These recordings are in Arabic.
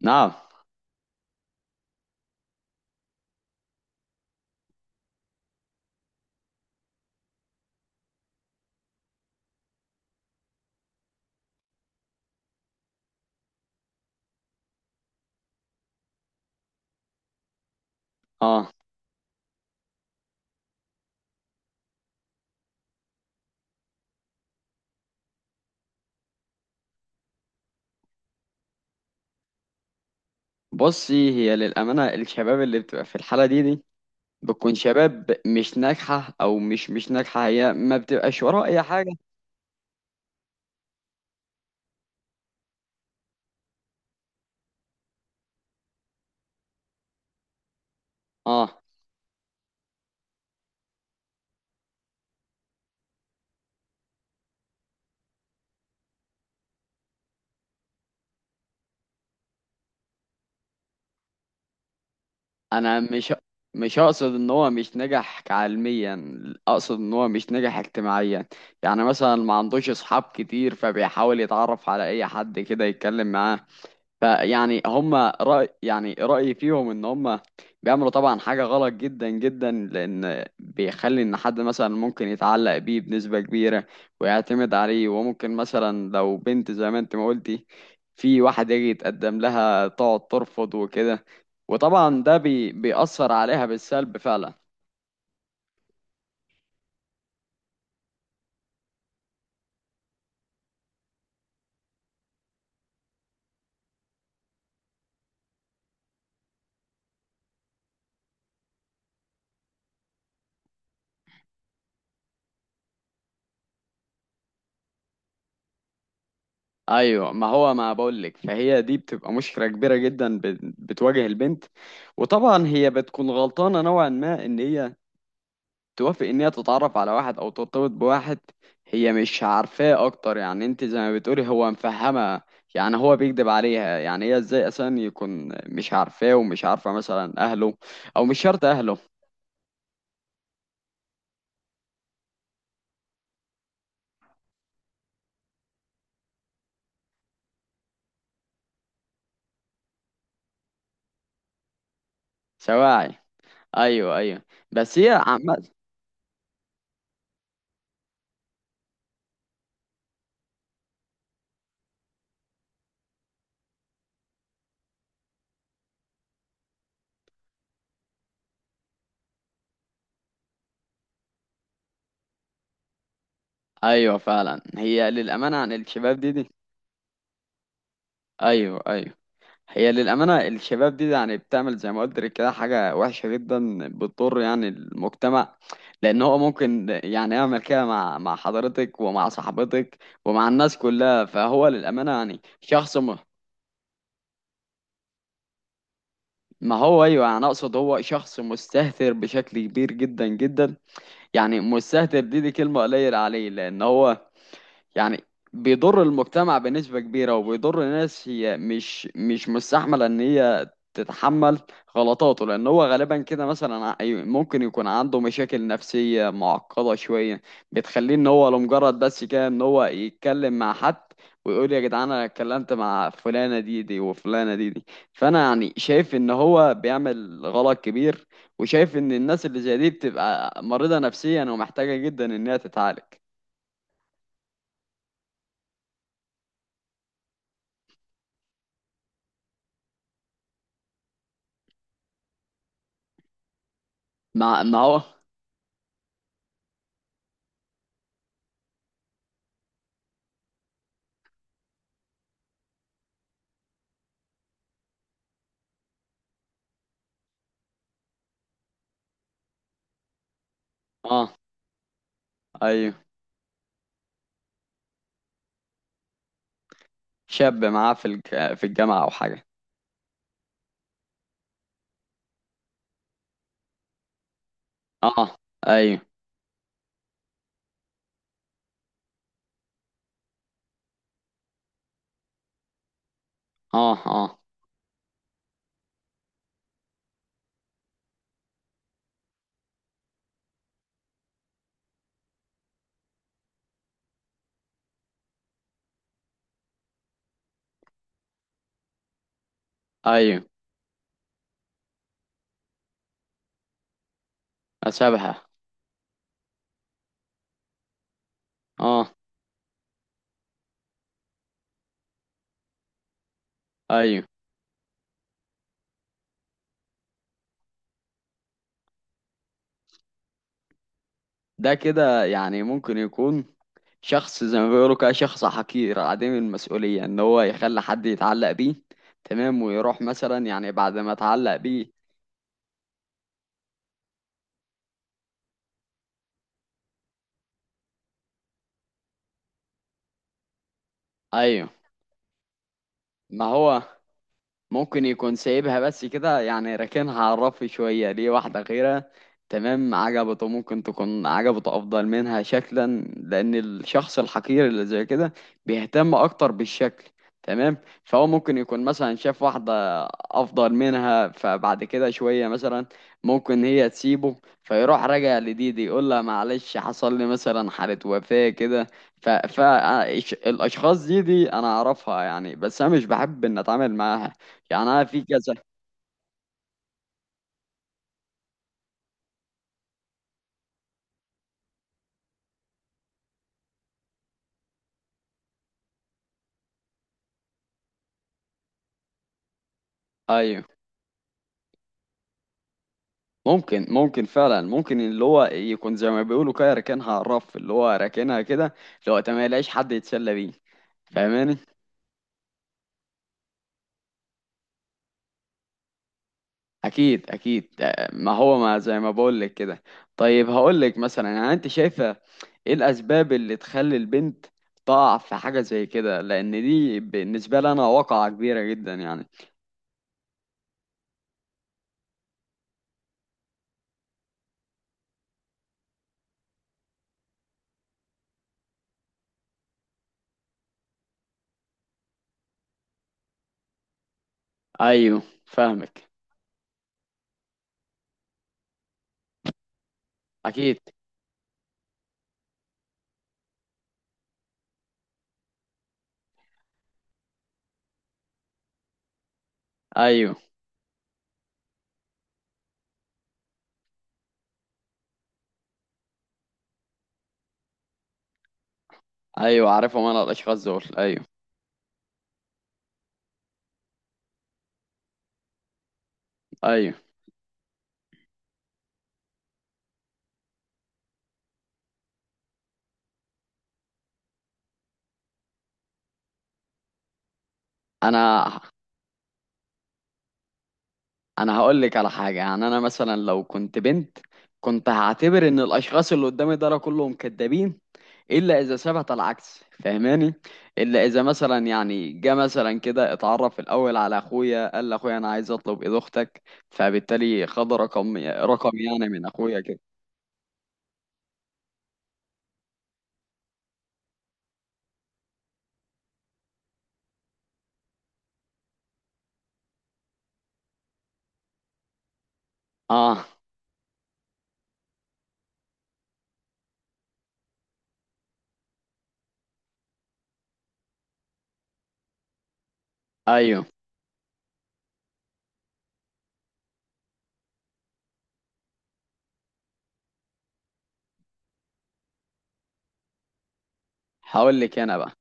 نعم. اه، بصي، هي للأمانة الشباب اللي بتبقى في الحالة دي بتكون شباب مش ناجحة، أو مش ناجحة، هي ما بتبقاش وراه أي حاجة. اه، أنا مش أقصد إن هو مش ناجح علميا، أقصد إن هو مش ناجح اجتماعيا. يعني مثلا ما عندوش أصحاب كتير، فبيحاول يتعرف على أي حد كده يتكلم معاه. فيعني هم رأي يعني رأيي فيهم ان هم بيعملوا طبعا حاجة غلط جدا جدا، لان بيخلي ان حد مثلا ممكن يتعلق بيه بنسبة كبيرة ويعتمد عليه. وممكن مثلا لو بنت زي ما انت ما قلتي، في واحد يجي يتقدم لها تقعد ترفض وكده، وطبعا ده بيأثر عليها بالسلب فعلا. ايوه، ما هو ما بقولك، فهي دي بتبقى مشكلة كبيرة جدا بتواجه البنت. وطبعا هي بتكون غلطانة نوعا ما ان هي توافق ان هي تتعرف على واحد او ترتبط بواحد هي مش عارفاه اكتر. يعني انت زي ما بتقولي هو مفهمها، يعني هو بيكذب عليها. يعني هي ازاي اصلا يكون مش عارفاه ومش عارفه مثلا اهله، او مش شرط اهله. سواعي، ايوه ايوه. بس هي ايوه فعلا، هي للامانه عن الشباب دي. ايوه ايوه، هي للأمانة الشباب دي يعني بتعمل زي ما قلت لك كده حاجة وحشة جدا، بتضر يعني المجتمع، لأن هو ممكن يعني يعمل كده مع حضرتك ومع صاحبتك ومع الناس كلها. فهو للأمانة يعني ما هو أيوه، يعني أقصد هو شخص مستهتر بشكل كبير جدا جدا. يعني مستهتر دي كلمة قليلة عليه، لأن هو يعني بيضر المجتمع بنسبة كبيرة، وبيضر ناس هي مش مستحملة ان هي تتحمل غلطاته. لان هو غالبا كده مثلا ممكن يكون عنده مشاكل نفسية معقدة شوية، بتخليه ان هو لمجرد بس كده ان هو يتكلم مع حد، ويقول يا جدعان انا اتكلمت مع فلانة دي وفلانة دي. فانا يعني شايف ان هو بيعمل غلط كبير، وشايف ان الناس اللي زي دي بتبقى مريضة نفسيا ومحتاجة جدا انها تتعالج. مع ما هو. اه ايوه، شاب معاه في الجامعة او حاجة. اه ايوه. اه اه. ايوه. اشبهه. اه ايوه. ده كده يعني ممكن يكون شخص زي ما بيقولوا كده، شخص حقير عديم المسؤولية ان هو يخلي حد يتعلق بيه. تمام، ويروح مثلا يعني بعد ما اتعلق بيه. ايوه، ما هو ممكن يكون سايبها بس كده، يعني راكنها على الرف شوية ليه واحدة غيرها. تمام، عجبته، ممكن تكون عجبته أفضل منها شكلا، لأن الشخص الحقير اللي زي كده بيهتم أكتر بالشكل. تمام، فهو ممكن يكون مثلا شاف واحدة أفضل منها، فبعد كده شوية مثلا ممكن هي تسيبه، فيروح راجع لدي يقول لها معلش حصل لي مثلا حالة وفاة كده. فالأشخاص دي أنا أعرفها يعني، بس أنا مش بحب إن أتعامل معاها. يعني انا في كذا. ايوه، ممكن ممكن فعلا، ممكن اللي هو يكون زي ما بيقولوا كده راكنها على الرف، اللي هو راكنها كده، اللي هو تمام ما يلاقيش حد يتسلى بيه. فاهماني؟ اكيد اكيد آه، ما هو ما زي ما بقول لك كده. طيب هقول لك مثلا، يعني انت شايفه ايه الاسباب اللي تخلي البنت تقع في حاجه زي كده؟ لان دي بالنسبه لي انا واقعه كبيره جدا يعني. ايوه فاهمك. اكيد. ايوه ايوه، عارفهم انا الاشخاص دول. ايوه ايوه. انا انا هقول لك على حاجه، يعني انا مثلا لو كنت بنت كنت هعتبر ان الاشخاص اللي قدامي دول كلهم كدابين، الا اذا ثبت العكس. فاهماني؟ الا اذا مثلا يعني جه مثلا كده اتعرف الاول على اخويا، قال لاخويا انا عايز اطلب ايد اختك، فبالتالي خد رقم يعني من اخويا كده. اه ايوه. هقول لك انا بقى،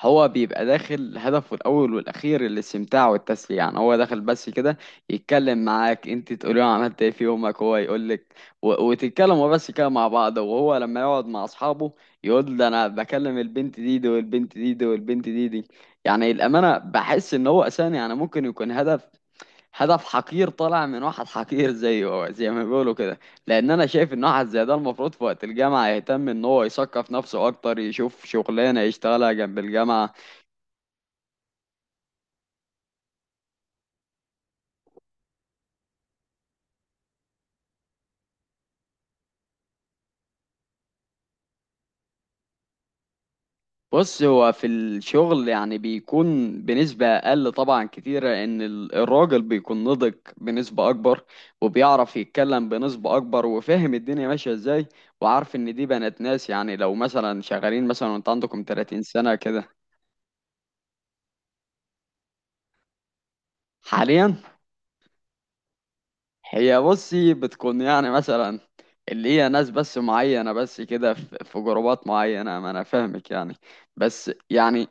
هو بيبقى داخل هدفه الأول والأخير الاستمتاع والتسلية. يعني هو داخل بس كده يتكلم معاك، انت تقولي له عملت ايه في يومك، هو يقولك، وتتكلموا بس كده مع بعض. وهو لما يقعد مع أصحابه يقول ده أنا بكلم البنت دي والبنت دي والبنت دي. يعني الأمانة بحس إن هو أساسا، يعني ممكن يكون هدف حقير طالع من واحد حقير زيه، هو زي ما بيقولوا كده. لأن أنا شايف إن واحد زي ده المفروض في وقت الجامعة يهتم إن هو يثقف نفسه أكتر، يشوف شغلانة يشتغلها جنب الجامعة. بص، هو في الشغل يعني بيكون بنسبة أقل طبعا كتيرة، إن الراجل بيكون نضج بنسبة أكبر، وبيعرف يتكلم بنسبة أكبر، وفاهم الدنيا ماشية إزاي، وعارف إن دي بنات ناس. يعني لو مثلا شغالين مثلا وأنت عندكم 30 سنة كده حاليا. هي بصي بتكون يعني مثلا اللي هي ناس بس معينة بس كده، في في جروبات معينة، ما أنا فاهمك يعني. بس يعني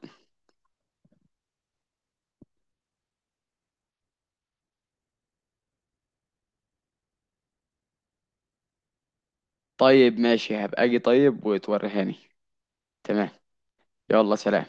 طيب ماشي، هبقى أجي طيب وتوريهاني. تمام، يلا سلام.